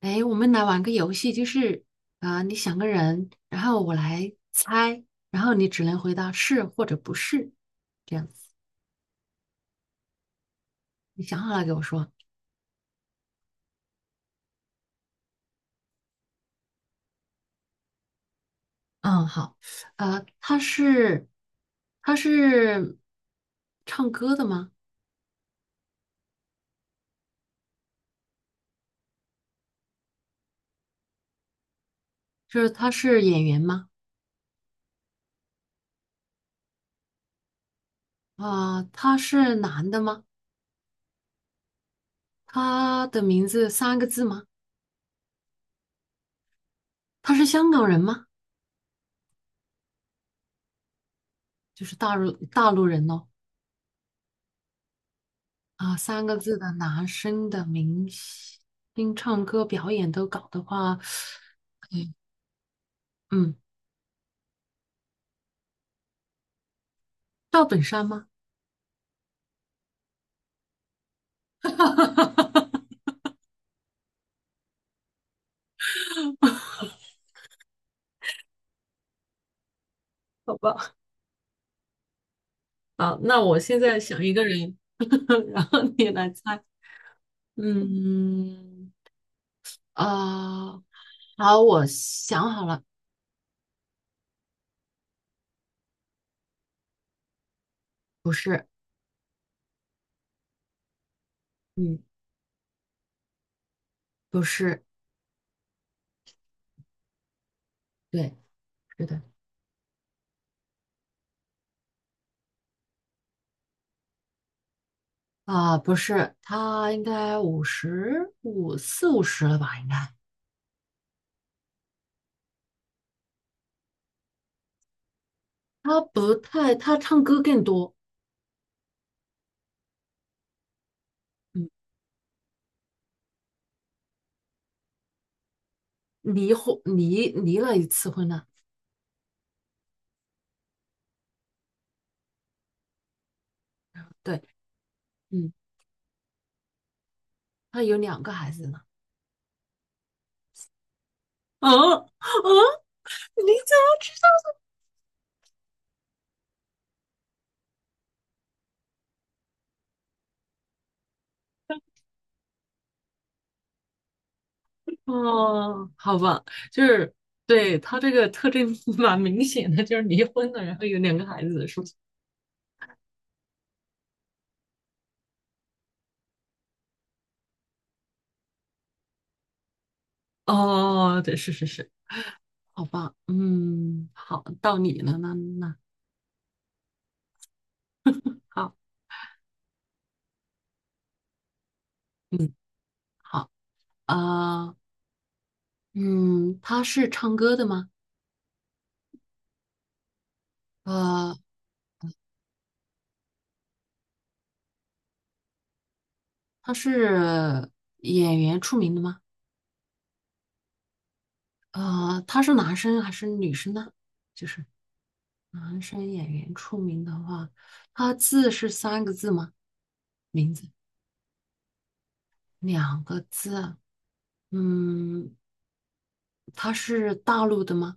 哎，我们来玩个游戏，就是啊、你想个人，然后我来猜，然后你只能回答是或者不是，这样子。你想好了给我说。嗯，好。呃，他是他是唱歌的吗？就是他是演员吗？啊、他是男的吗？他的名字三个字吗？他是香港人吗？就是大陆人哦。啊，三个字的男生的明星唱歌表演都搞的话，嗯，赵本山吗？好吧，啊，那我现在想一个人，然后你来猜，嗯，啊，好，我想好了，不是，嗯，不是，对，是的，啊，不是，他应该五十五四五十了吧？应该，他不太，他唱歌更多，嗯，离了一次婚了，对。嗯，他有两个孩子呢。嗯嗯，你怎么知道？哦，好吧，就是对他这个特征 蛮明显的，就是离婚了，然后有两个孩子的事哦，对，是是是，好吧，嗯，好，到你了，那好，嗯，好，呃，嗯，他是唱歌的吗？呃，他是演员出名的吗？他是男生还是女生呢？就是。男生演员出名的话，他字是三个字吗？名字两个字。嗯，他是大陆的吗？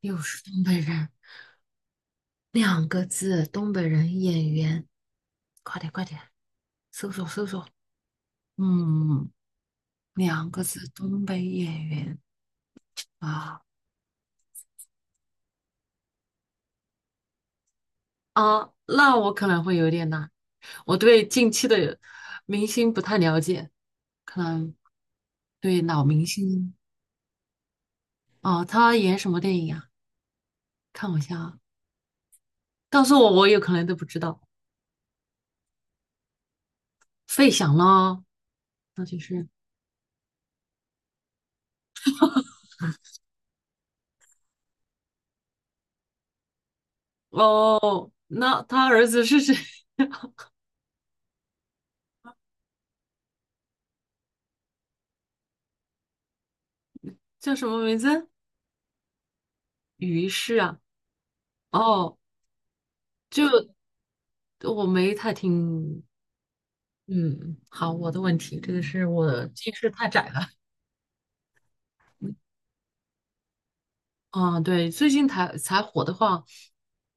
又是东北人，两个字，东北人演员。快点，快点，搜索搜索。嗯，两个字，东北演员啊啊，那我可能会有点难，我对近期的明星不太了解，可能对老明星啊，他演什么电影啊？看我一下啊。告诉我，我有可能都不知道。费翔呢？那就是哦，那他儿子是谁？叫什么名字？于是啊，哦，就我没太听。嗯，好，我的问题，这个是我近视太窄了。啊，对，最近才火的话，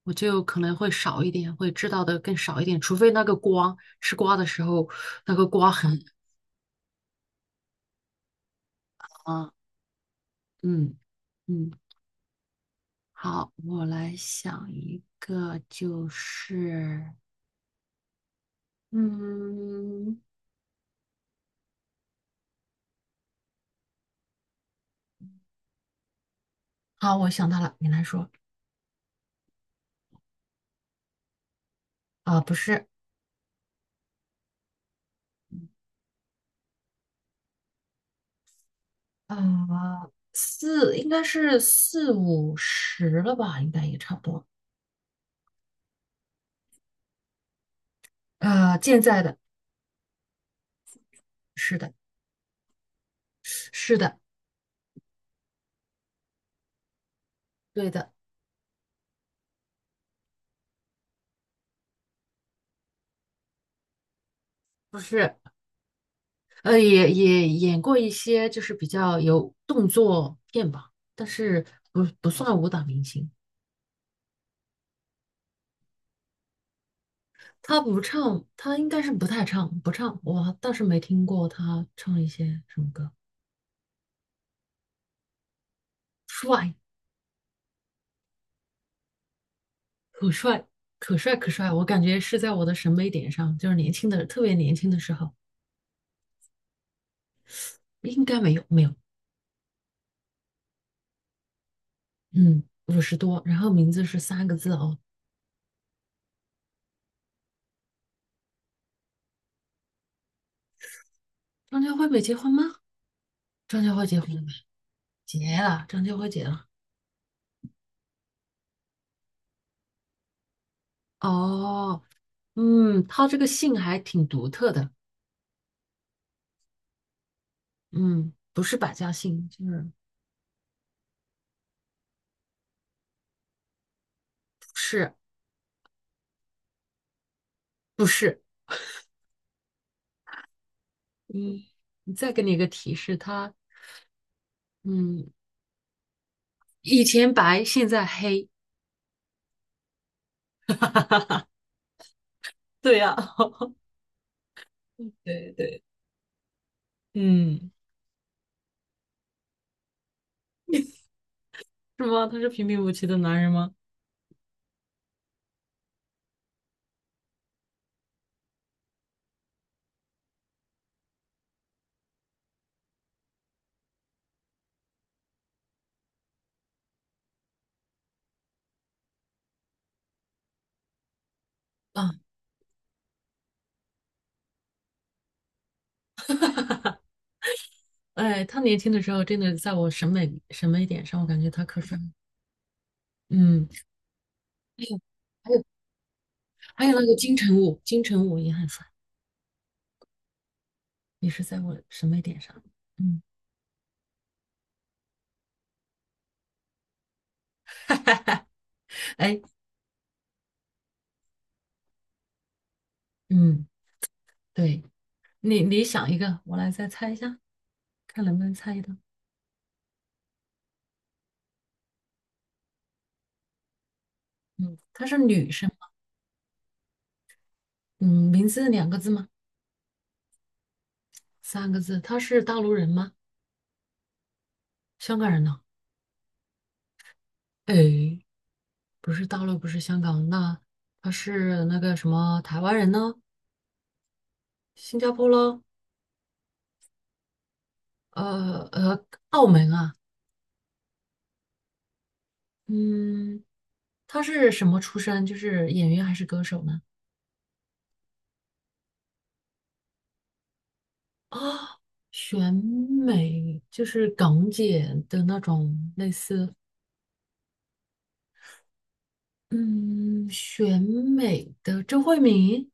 我就可能会少一点，会知道的更少一点，除非那个瓜吃瓜的时候，那个瓜很啊，嗯嗯。好，我来想一个，就是，嗯，好，我想到了，你来说啊，不是，啊，四应该是四五十了吧，应该也差不多，健在的，是的，是的，对的，不是，也演过一些就是比较有动作片吧，但是不算武打明星，他不唱，他应该是不太唱，不唱。我倒是没听过他唱一些什么歌。帅，可帅，可帅，可帅！我感觉是在我的审美点上，就是年轻的，特别年轻的时候，应该没有，没有。嗯，五十多，然后名字是三个字哦。张家辉没结婚吗？张家辉结婚了吧？结了，张家辉结了。哦，嗯，他这个姓还挺独特的，嗯，不是百家姓，就是不是不是，嗯。再给你一个提示，他嗯，以前白，现在黑。对呀、对对，嗯，是吗？他是平平无奇的男人吗？啊，哎，他年轻的时候真的在我审美点上，我感觉他可帅了嗯，还有还有还有那个金城武，金城武也很帅，也是在我审美点上。嗯，哎，嗯，对你想一个，我来再猜一下，看能不能猜到。嗯，她是女生吗？嗯，名字两个字吗？三个字？她是大陆人吗？香港人呢？哎，不是大陆，不是香港，那他是那个什么台湾人呢？新加坡咯，呃呃，澳门啊，嗯，他是什么出身？就是演员还是歌手呢？啊，选美就是港姐的那种类似，嗯，选美的周慧敏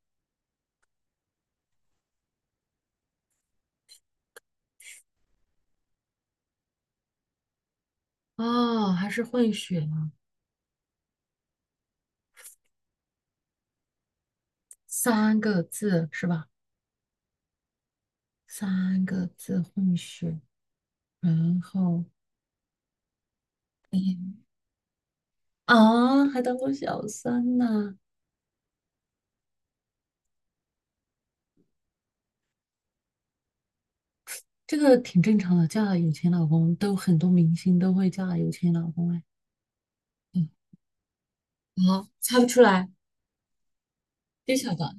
啊，还是混血啊？三个字是吧？三个字混血，然后啊，还当过小三呢。这个挺正常的，嫁了有钱老公都很多明星都会嫁有钱老公哎。嗯，啊，猜不出来，不晓得。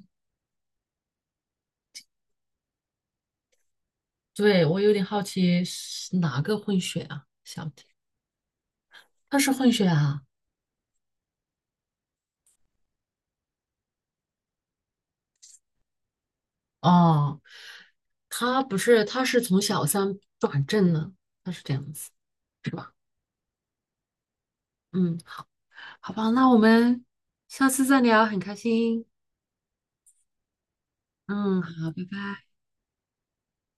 对，我有点好奇是哪个混血啊？小姐，她是混血啊？哦，她不是，她是从小三转正了，她是这样子，是吧？嗯，好吧，那我们下次再聊，很开心。嗯，好，拜拜。